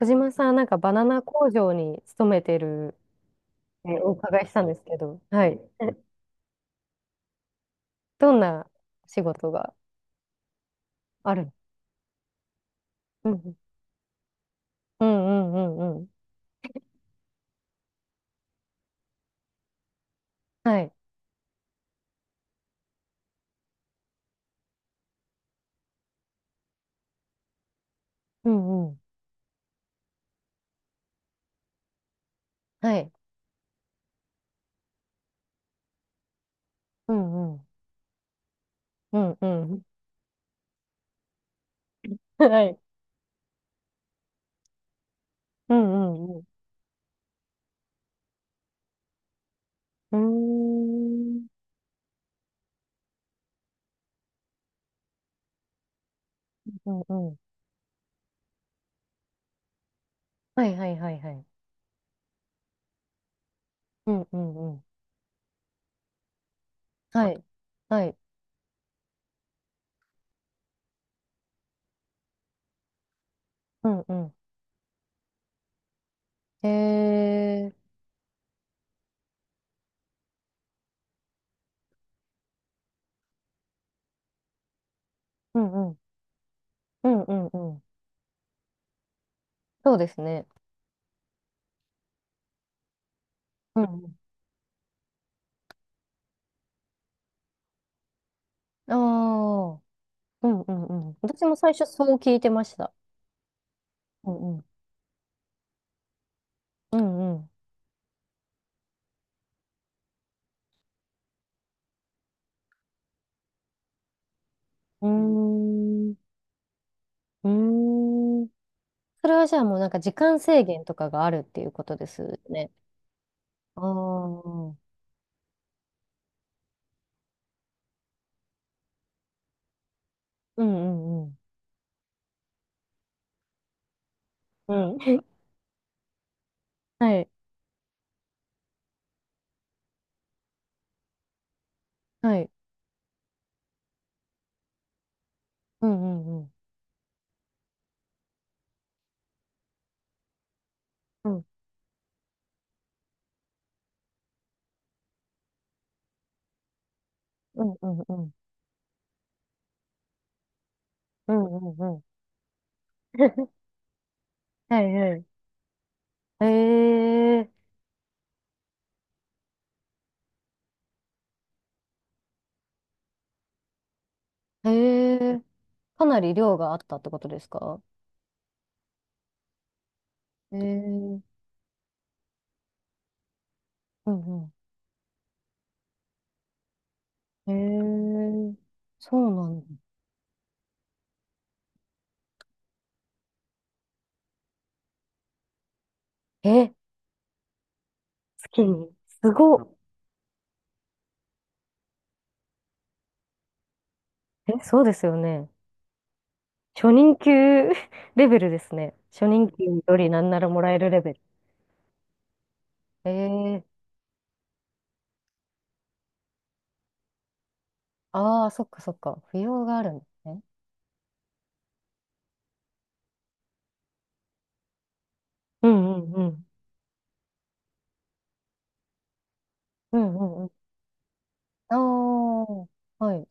小島さん、なんかバナナ工場に勤めてるってお伺いしたんですけど、はい。どんな仕事があるの？うんうんうんうんうん。はい。うんうん。はい。うんうん。うんうん。はい。うんうんうん。うーん。うんうん。はいはいはいはい。うんうんうん。はい。はい。うんうん。へえ。うんうん。うんうんうん。そうですね。うんうん。ああ。うんうんうん。私も最初そう聞いてました。うんうん。うんうん。うーん。うーん。それはじゃあもうなんか時間制限とかがあるっていうことですよね。ああ。うんうんうん。うん。はい。はい。うんうんうん。うんうんうんうん。うんうんうん。はいはい。ええええ、かなり量があったってことですか？ええ。うんうん。ええ、そうなんだ。え、月に。すごっ。え、そうですよね。初任給 レベルですね。初任給よりなんならもらえるレベル。ええ。ああー、そっかそっか。扶養があるんですね。うんうんうん。うんうんうん。ああ、はい。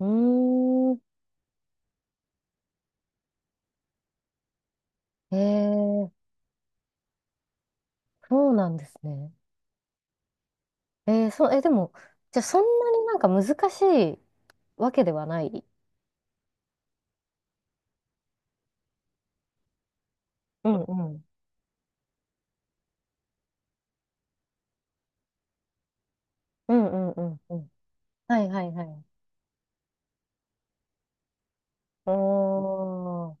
うーん。ええ、そうなんですね。ええそう、え、でも、じゃあそんなになんか難しいわけではない。うんうん。うんうんうんうん。はいはいはい。おー。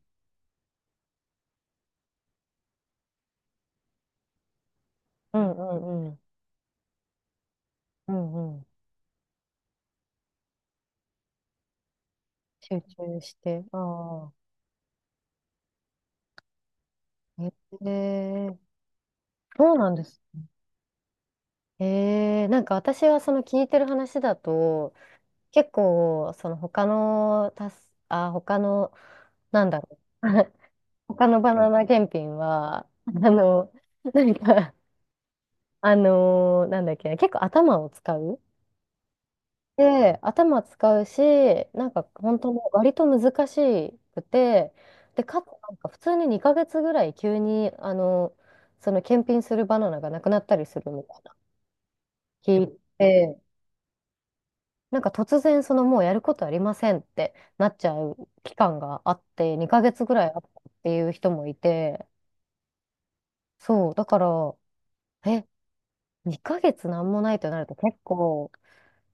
うんうんうん。うんうん。集中して。ああ。ええ、そうなんです。ええ、なんか私はその聞いてる話だと、結構、その他の、たす、あ、他の、なんだろう。他のバナナ検品は、あの、なんか、あのなんだっけ、結構頭を使う。で、頭使うし、なんか本当に割と難しくて、で、かつなんか普通に2ヶ月ぐらい急に、あの、その検品するバナナがなくなったりするみたいな聞いて、なんか突然そのもうやることありませんってなっちゃう期間があって、2ヶ月ぐらいあったっていう人もいて、そう、だから、え、2ヶ月なんもないとなると結構、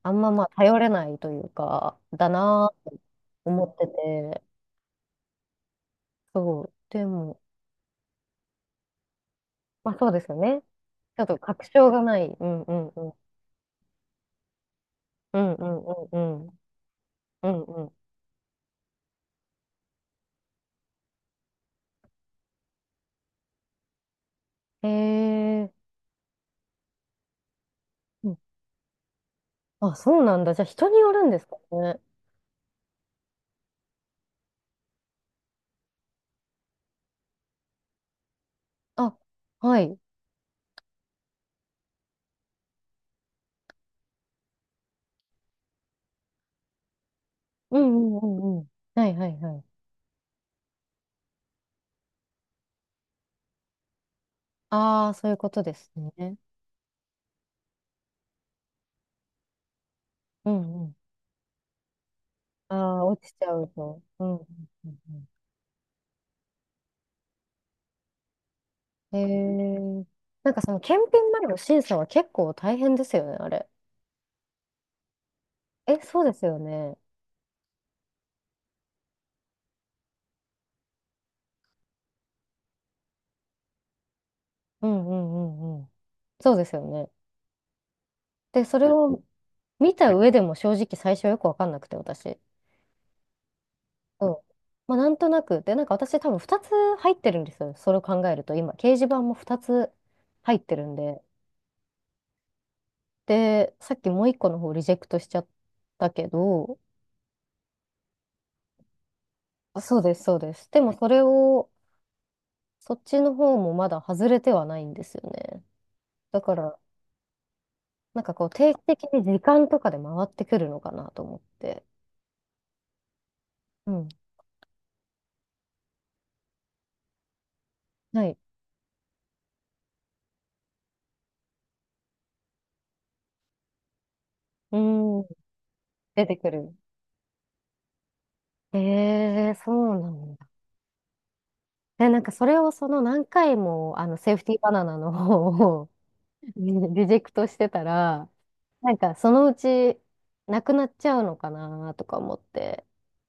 あんままあ頼れないというか、だなぁと思ってて、そう。でも、まあそうですよね。ちょっと確証がない。うんうんうん。うんうんうんうん。うんうん。へえ。うん。あ、そうなんだ。じゃあ人によるんですかね。あ、はい。うんうんうんうん。はいはいはい。ああ、そういうことですね。うんうん。ああ、落ちちゃうと。うんうんうんうん。へえ。なんかその検品までの審査は結構大変ですよね、あれ。え、そうですよね。うんうんうんうん。そうですよね。で、それを、見た上でも正直最初はよくわかんなくて、私。うん。まあ、なんとなく。で、なんか私多分2つ入ってるんですよ。それを考えると、今、掲示板も2つ入ってるんで。で、さっきもう1個の方リジェクトしちゃったけど、あ、そうです、そうです。でもそれを、そっちの方もまだ外れてはないんですよね。だから、なんかこう、定期的に時間とかで回ってくるのかなと思って。うん。はい。うーん、出てくる。ええ、そうなの。で、なんかそれをその何回もあのセーフティーバナナの方を リジェクトしてたら、なんかそのうちなくなっちゃうのかなとか思って、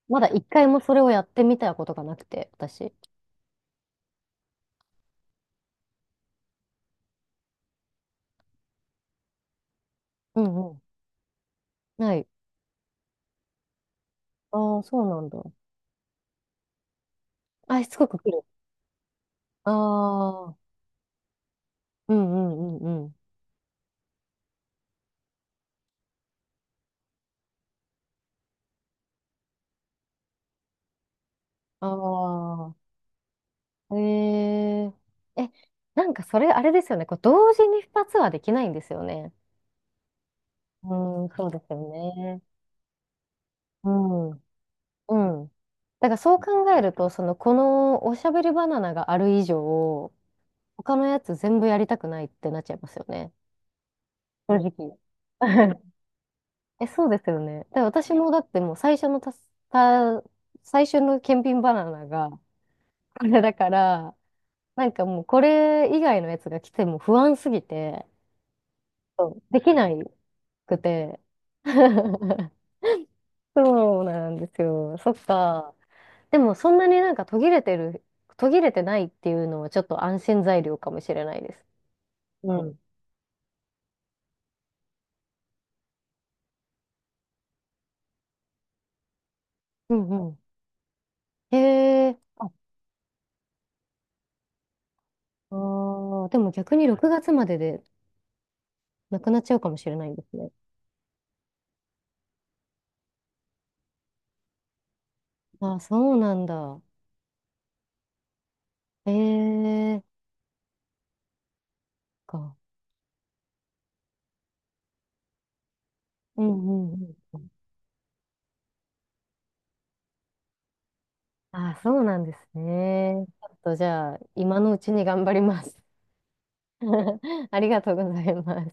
まだ一回もそれをやってみたことがなくて、私。うんうん。ない。ああ、そうなんだ。あ、しつこく来る。ああ、うんうんうんうん。ああ、ええ。え、なんかそれあれですよね。こう同時に2つはできないんですよね。うん、そうですよね。うん。うん。だからそう考えると、その、このおしゃべりバナナがある以上、他のやつ全部やりたくないってなっちゃいますよね。正直。え、そうですよね。だから私もだってもう最初のたす、た、最初の検品バナナが、これだから、なんかもうこれ以外のやつが来ても不安すぎて、そうできないくて。そうなんですよ。そっか。でもそんなになんか途切れてる、途切れてないっていうのはちょっと安心材料かもしれないです。うん。うんうん。へえ。あ、でも逆に6月まででなくなっちゃうかもしれないんですね。あ、そうなんだ。へえ。か。うんうんうん。あ、そうなんですね。ちょっとじゃあ、今のうちに頑張ります。ありがとうございます。